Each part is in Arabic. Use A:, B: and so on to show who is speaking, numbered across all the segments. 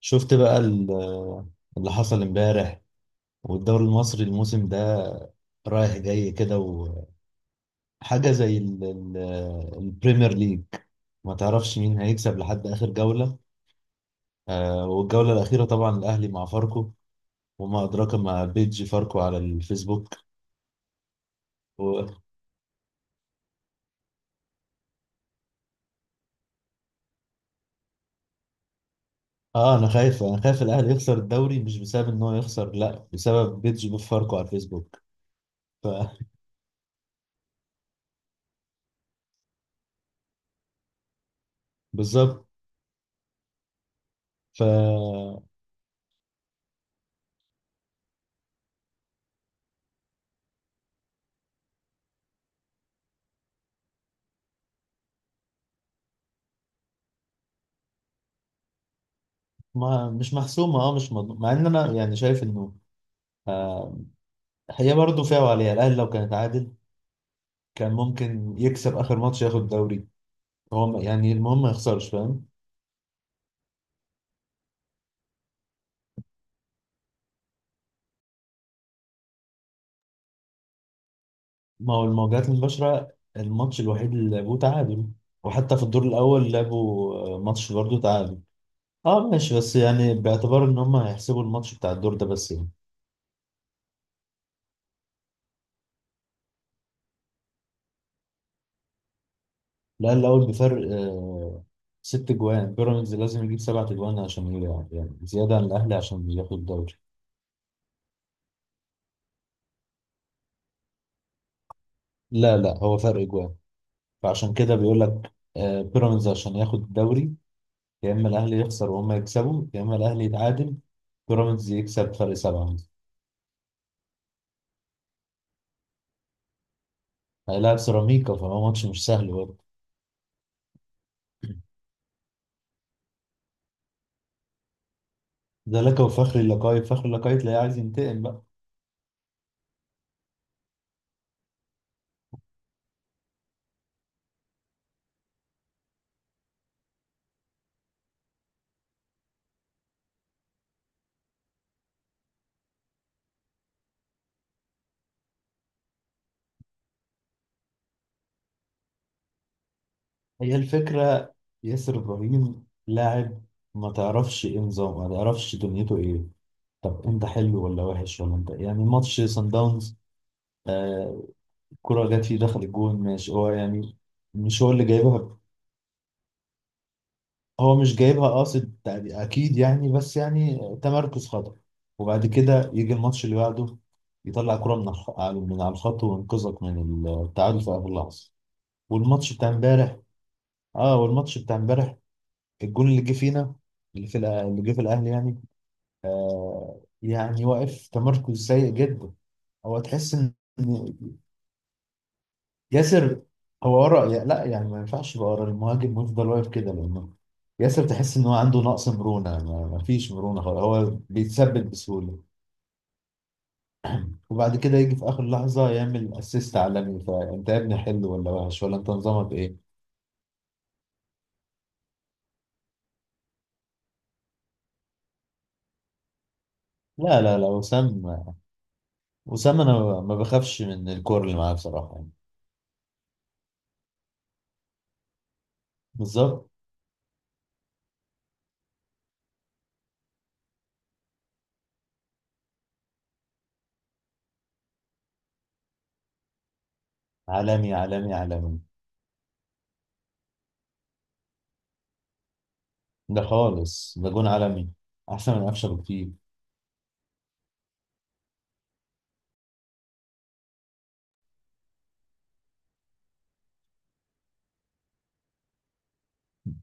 A: شفت بقى اللي حصل امبارح، والدوري المصري الموسم ده رايح جاي كده. وحاجة زي البريمير ليج، ما تعرفش مين هيكسب لحد آخر جولة. والجولة الأخيرة طبعا الأهلي مع فاركو، وما أدراك ما بيج فاركو على الفيسبوك و... أنا خايف، الأهلي يخسر الدوري، مش بسبب إن هو يخسر، لا بسبب بيج فاركو على الفيسبوك. ف... بالظبط. ف ما مش محسومة، اه، مش مض... مع ان انا يعني شايف انه آه، هي برضه فيها وعليها. الاهلي لو كان اتعادل كان ممكن يكسب اخر ماتش ياخد الدوري. يعني المهم ما يخسرش، فاهم. ما هو المواجهات المباشره الماتش الوحيد اللي لعبوه تعادل، وحتى في الدور الاول لعبوا ماتش برضه تعادل. اه ماشي، بس يعني باعتبار ان هم هيحسبوا الماتش بتاع الدور ده بس يعني الاهلي الاول بفرق ست جوان. بيراميدز لازم يجيب سبعة جوان عشان يعني زياده عن الاهلي عشان ياخد الدوري. لا لا، هو فرق جوان. فعشان كده بيقول لك بيراميدز عشان ياخد الدوري، يا اما الاهلي يخسر وهم يكسبوا، يا اما الاهلي يتعادل بيراميدز يكسب فرق سبعه مثلا. هيلاعب سيراميكا، فهو ماتش مش سهل برضه. ده لك، وفخري اللقاي، فخري اللقاي تلاقيه عايز ينتقم بقى. هي الفكره. ياسر ابراهيم لاعب ما تعرفش ايه نظامه، ما تعرفش دنيته ايه. طب انت حلو ولا وحش ولا انت؟ يعني ماتش سان داونز، آه كرة جت فيه دخل الجون، ماشي، هو يعني مش هو اللي جايبها. هو مش جايبها قاصد، اكيد يعني، بس يعني تمركز خطأ. وبعد كده يجي الماتش اللي بعده يطلع كرة من من على الخط وينقذك من التعادل في اخر لحظة. والماتش بتاع امبارح اه والماتش بتاع امبارح، الجون اللي جه فينا، اللي جه في الاهلي يعني، يعني واقف تمركز سيء جدا. هو تحس ان ياسر هو ورا، لا يعني ما ينفعش يبقى ورا المهاجم ويفضل واقف كده لانه ياسر. تحس ان هو عنده نقص مرونه، ما فيش مرونه خالص، هو بيتثبت بسهوله. وبعد كده يجي في اخر لحظه يعمل اسيست عالمي، فانت يا ابني حلو ولا وحش ولا انت نظامك ايه؟ لا لا لا، وسام. وسام انا ما بخافش من الكور اللي معاه بصراحه يعني. بالظبط. عالمي عالمي عالمي. ده خالص ده جون عالمي، احسن من قفشه بكتير.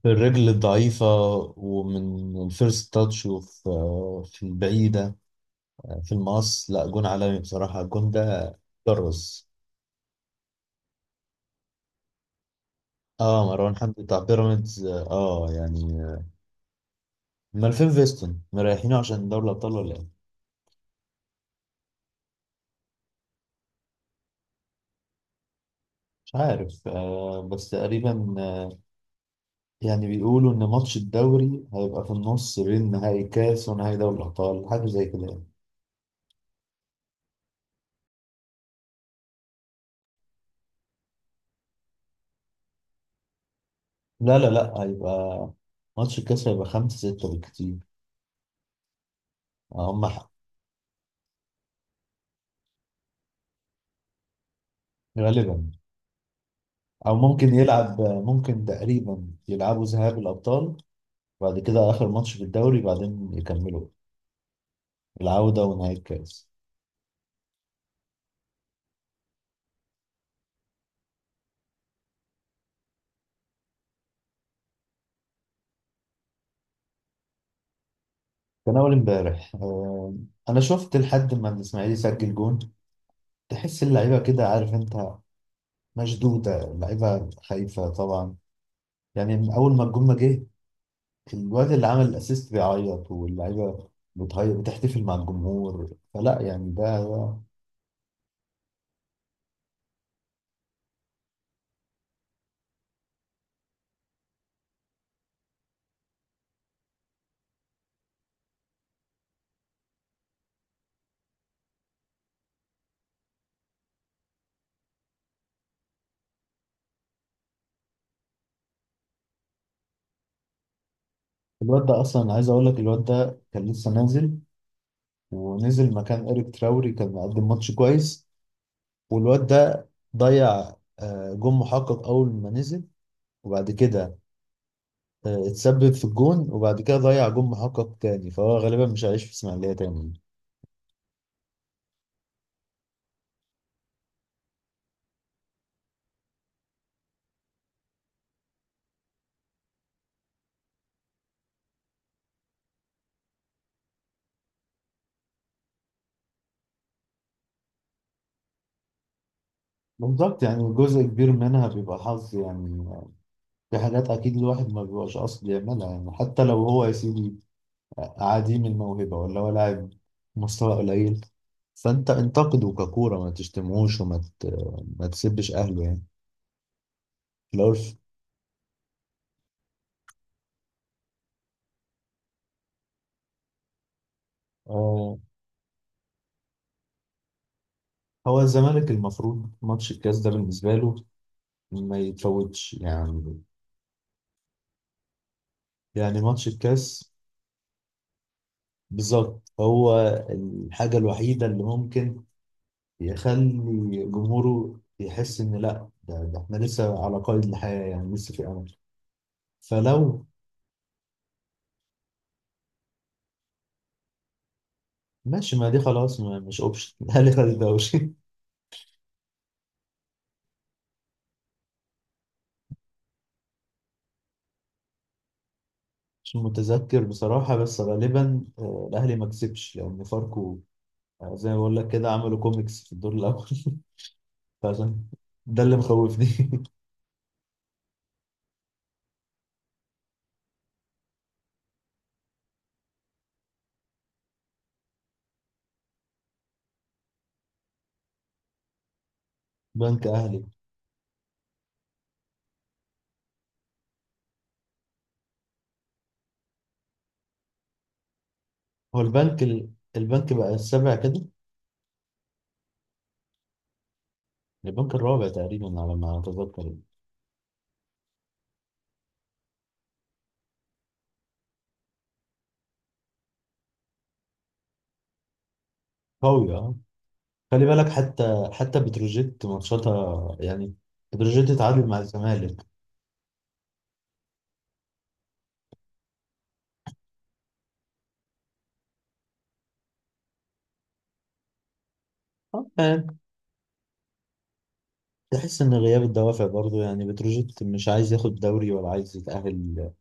A: الرجل الضعيفة، ومن الفيرست تاتش، وفي في البعيدة، في المقص، لا جون عالمي بصراحة الجون ده. كرز. اه، مروان حمدي بتاع بيراميدز، اه يعني مالفين فيستون مريحينه عشان دوري الأبطال ولا ايه؟ مش عارف، بس تقريبا يعني بيقولوا إن ماتش الدوري هيبقى في النص بين نهائي كاس ونهائي دوري الأبطال، حاجة زي كده يعني. لا لا لا، هيبقى ماتش الكاس هيبقى خمسة ستة بالكتير. آه، هم ح- غالبا. او ممكن يلعب، ممكن تقريبا يلعبوا ذهاب الابطال، بعد كده اخر ماتش في الدوري، بعدين يكملوا العوده ونهائي الكاس. كان اول امبارح، انا شفت لحد ما الاسماعيلي يسجل جون. تحس اللعيبه كده، عارف انت، مشدوده، اللعيبه خايفه طبعا. يعني من اول ما الجون ما جه الواد اللي عمل الاسيست بيعيط، واللعيبه بتهيأ بتحتفل مع الجمهور، فلا يعني الواد ده اصلا، عايز اقول لك الواد ده كان لسه نازل، ونزل مكان إيريك تراوري، كان مقدم ماتش كويس، والواد ده ضيع جون محقق أول ما نزل، وبعد كده اتسبب في الجون، وبعد كده ضيع جون محقق تاني، فهو غالبا مش هيعيش في إسماعيلية تاني. بالظبط. يعني جزء كبير منها بيبقى حظ يعني. في حاجات أكيد الواحد ما بيبقاش قصد يعملها، يعني حتى لو هو يا سيدي عديم الموهبة ولا هو لاعب مستوى قليل، فأنت انتقده ككورة، ما تشتمهوش ما تسبش أهله يعني. في الأول، هو الزمالك المفروض ماتش الكاس ده بالنسبة له ما يتفوتش يعني. يعني ماتش الكاس، بالظبط هو الحاجة الوحيدة اللي ممكن يخلي جمهوره يحس إن لأ، ده إحنا لسه على قيد الحياة، يعني لسه في أمل. فلو ماشي، ما دي خلاص، ما مش أوبشن. الأهلي خد الدوري. مش متذكر بصراحة، بس غالبا الأهلي ما كسبش لأن فاركو، زي ما بقول لك كده، عملوا كوميكس في الدور الأول. فعشان ده اللي مخوفني. بنك اهلي. هو البنك بقى السابع كده؟ البنك الرابع تقريبا على ما اتذكر. قوي، اه. خلي بالك، حتى بتروجيت ماتشاتها يعني، بتروجيت اتعادل مع الزمالك. اه يعني تحس ان غياب الدوافع برضه، يعني بتروجيت مش عايز ياخد دوري ولا عايز يتأهل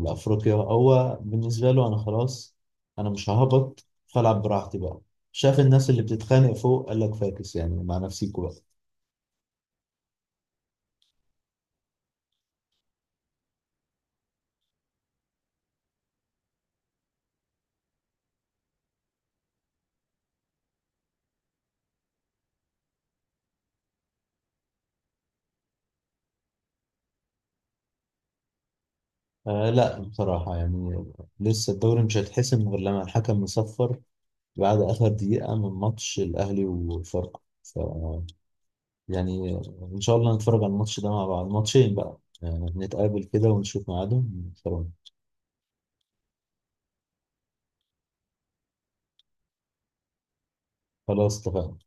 A: لافريقيا. هو بالنسبه له انا خلاص، انا مش ههبط، فالعب براحتي بقى. شاف الناس اللي بتتخانق فوق، قال لك فاكس يعني، مع نفسيكوا بقى. لا بصراحة يعني لسه الدوري مش هيتحسم غير لما الحكم يصفر بعد آخر دقيقة من ماتش الأهلي وفاركو. يعني إن شاء الله نتفرج على الماتش ده مع بعض، ماتشين بقى يعني، نتقابل كده ونشوف ميعادهم ونتفرج. خلاص اتفقنا.